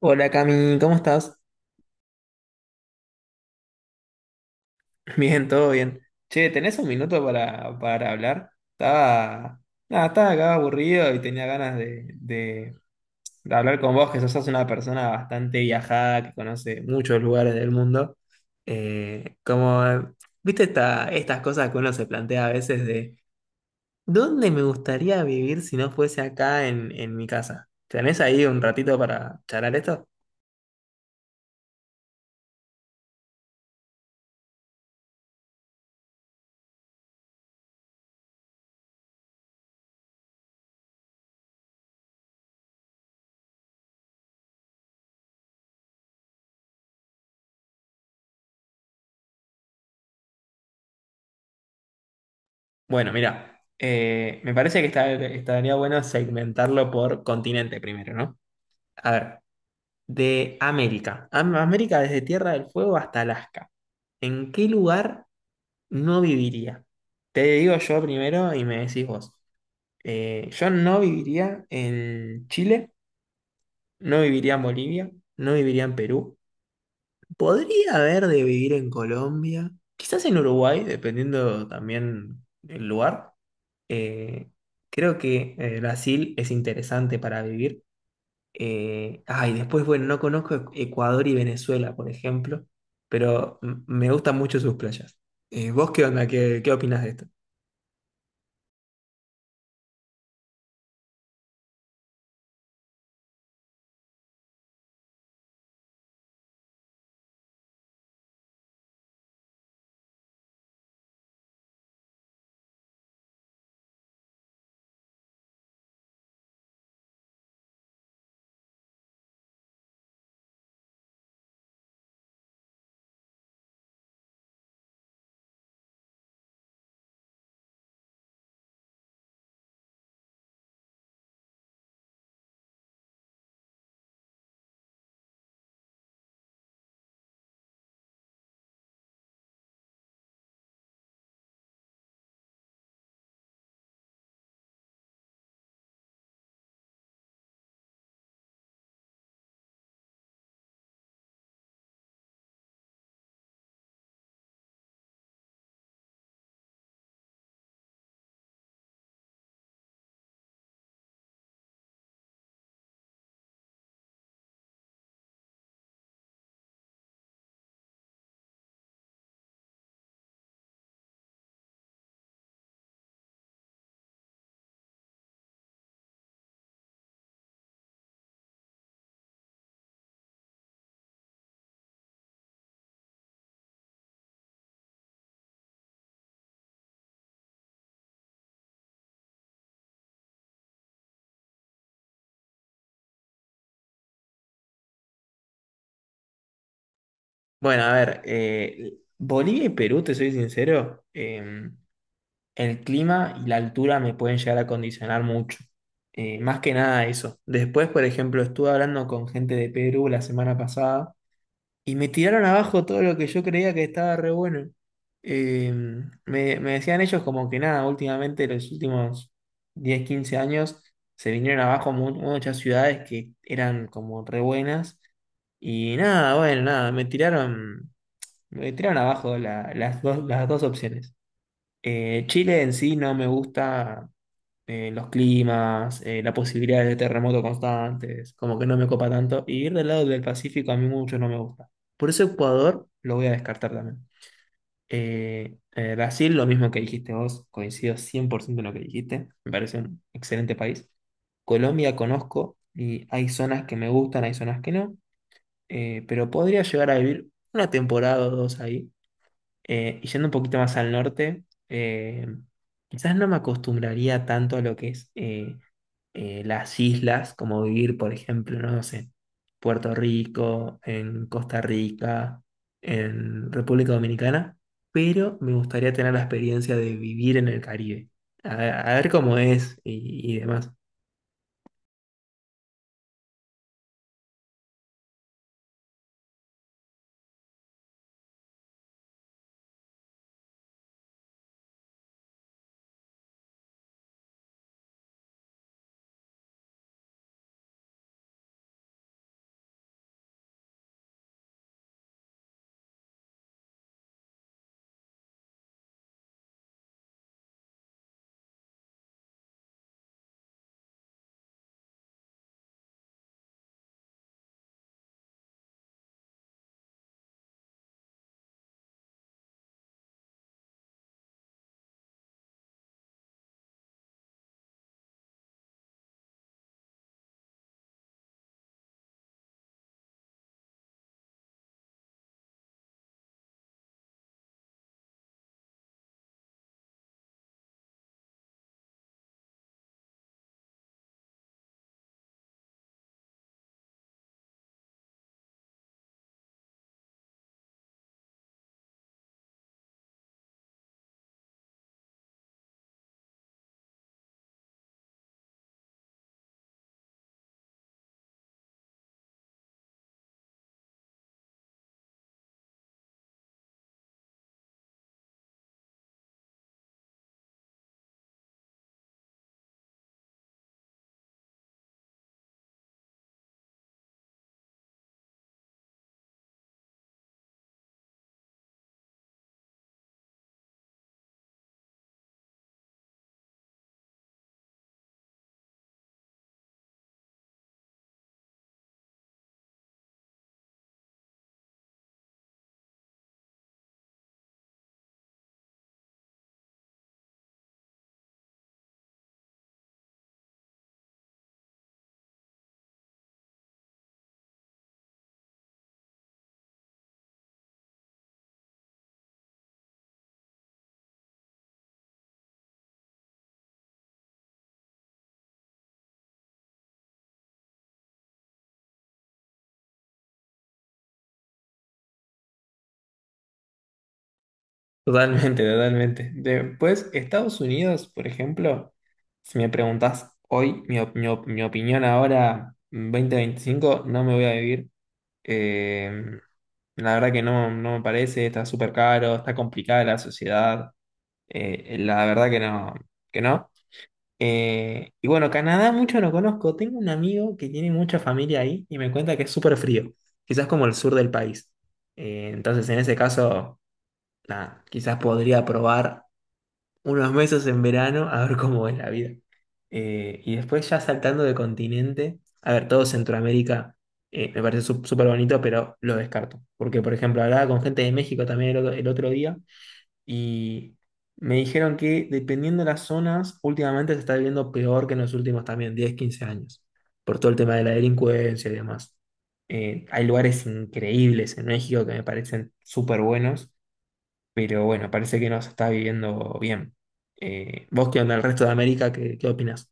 Hola Cami, ¿cómo estás? Bien, todo bien. Che, ¿tenés un minuto para hablar? Nada, estaba acá aburrido y tenía ganas de hablar con vos, que sos una persona bastante viajada, que conoce muchos lugares del mundo. Como viste estas cosas que uno se plantea a veces de, ¿dónde me gustaría vivir si no fuese acá en mi casa? ¿Tenés ahí un ratito para charlar esto? Bueno, mira, me parece que estaría bueno segmentarlo por continente primero, ¿no? A ver, de América. América desde Tierra del Fuego hasta Alaska. ¿En qué lugar no viviría? Te digo yo primero y me decís vos. Yo no viviría en Chile, no viviría en Bolivia, no viviría en Perú. Podría haber de vivir en Colombia, quizás en Uruguay, dependiendo también del lugar. Eh, creo que Brasil es interesante para vivir. Después, bueno, no conozco Ecuador y Venezuela, por ejemplo, pero me gustan mucho sus playas. ¿Vos qué onda? ¿Qué opinas de esto? Bueno, a ver, Bolivia y Perú, te soy sincero, el clima y la altura me pueden llegar a condicionar mucho. Más que nada eso. Después, por ejemplo, estuve hablando con gente de Perú la semana pasada y me tiraron abajo todo lo que yo creía que estaba re bueno. Eh, me decían ellos como que nada, últimamente los últimos 10, 15 años se vinieron abajo muchas ciudades que eran como re buenas. Y nada, bueno, nada, me tiraron abajo las dos opciones. Chile en sí no me gusta, los climas, la posibilidad de terremotos constantes, como que no me copa tanto. Y ir del lado del Pacífico a mí mucho no me gusta. Por eso Ecuador lo voy a descartar también. Brasil, lo mismo que dijiste vos, coincido 100% en lo que dijiste, me parece un excelente país. Colombia conozco y hay zonas que me gustan, hay zonas que no, pero podría llegar a vivir una temporada o dos ahí, y yendo un poquito más al norte, eh, quizás no me acostumbraría tanto a lo que es, las islas, como vivir, por ejemplo, no, no sé, Puerto Rico, en Costa Rica, en República Dominicana, pero me gustaría tener la experiencia de vivir en el Caribe, a, a ver cómo es, y demás. Totalmente, totalmente. Después, Estados Unidos, por ejemplo, si me preguntás hoy mi opinión ahora, 2025 no me voy a vivir. Eh, la verdad que no, no me parece, está súper caro, está complicada la sociedad. La verdad que no, que no. Y bueno, Canadá mucho no conozco. Tengo un amigo que tiene mucha familia ahí y me cuenta que es súper frío, quizás como el sur del país. Entonces, en ese caso, nada, quizás podría probar unos meses en verano a ver cómo es la vida. Y después ya saltando de continente, a ver, todo Centroamérica, me parece súper bonito, pero lo descarto. Porque, por ejemplo, hablaba con gente de México también el otro día y me dijeron que dependiendo de las zonas, últimamente se está viviendo peor que en los últimos también 10 15 años, por todo el tema de la delincuencia y demás. Hay lugares increíbles en México que me parecen súper buenos, pero bueno, parece que nos está viviendo bien. ¿Vos qué onda el resto de América? ¿Qué opinás?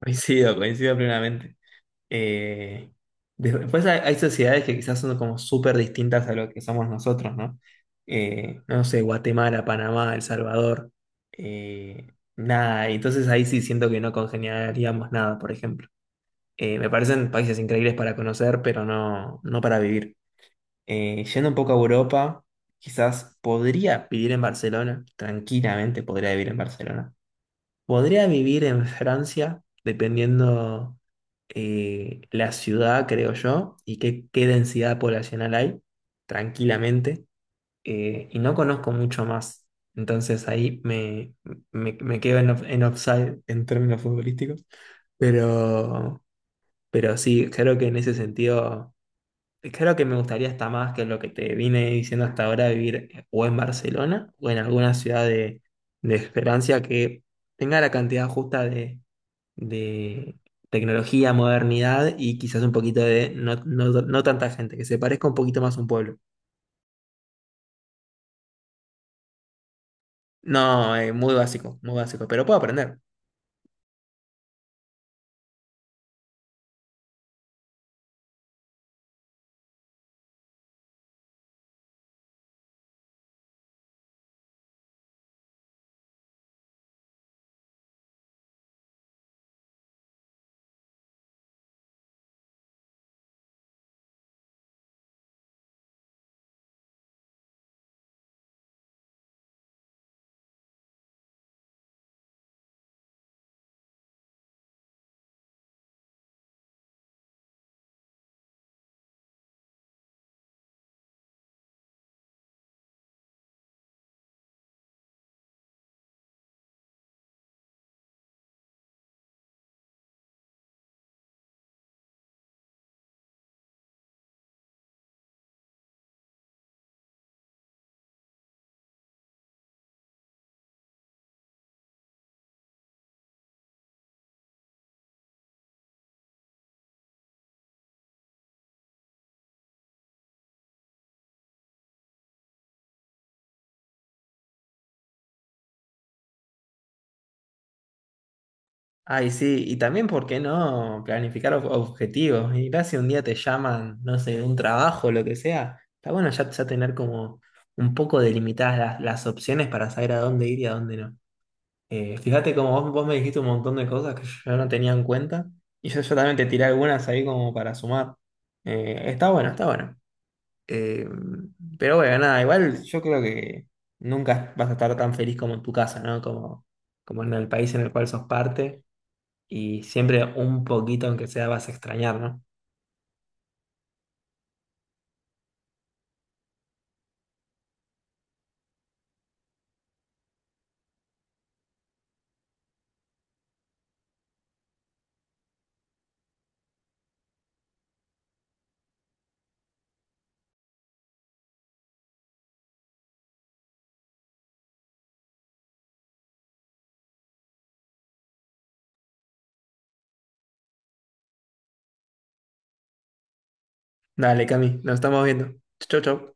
Coincido, coincido plenamente. Eh, después hay sociedades que quizás son como súper distintas a lo que somos nosotros, ¿no? No sé, Guatemala, Panamá, El Salvador, eh, nada, y entonces ahí sí siento que no congeniaríamos nada, por ejemplo. Me parecen países increíbles para conocer, pero no, no para vivir. Yendo un poco a Europa, quizás podría vivir en Barcelona, tranquilamente podría vivir en Barcelona. Podría vivir en Francia, dependiendo, la ciudad, creo yo, y qué densidad poblacional hay, tranquilamente. Y no conozco mucho más, entonces ahí me quedo en offside en términos futbolísticos. Pero, pero sí, creo que en ese sentido. Creo que me gustaría hasta más que lo que te vine diciendo hasta ahora, vivir, o en Barcelona o en alguna ciudad de Francia que tenga la cantidad justa de tecnología, modernidad y quizás un poquito de no, no, no tanta gente, que se parezca un poquito más a un pueblo. No, muy básico, pero puedo aprender. Ay, sí, y también, ¿por qué no planificar objetivos? Y mirá si un día te llaman, no sé, de un trabajo, lo que sea. Está bueno ya, ya tener como un poco delimitadas las opciones para saber a dónde ir y a dónde no. Fíjate como vos me dijiste un montón de cosas que yo no tenía en cuenta, y yo también te tiré algunas ahí como para sumar. Está bueno, está bueno. Eh, pero bueno, nada, igual yo creo que nunca vas a estar tan feliz como en tu casa, ¿no? Como en el país en el cual sos parte y siempre un poquito, aunque sea, vas a extrañar, ¿no? Dale, Cami, nos estamos viendo. Chau, chau.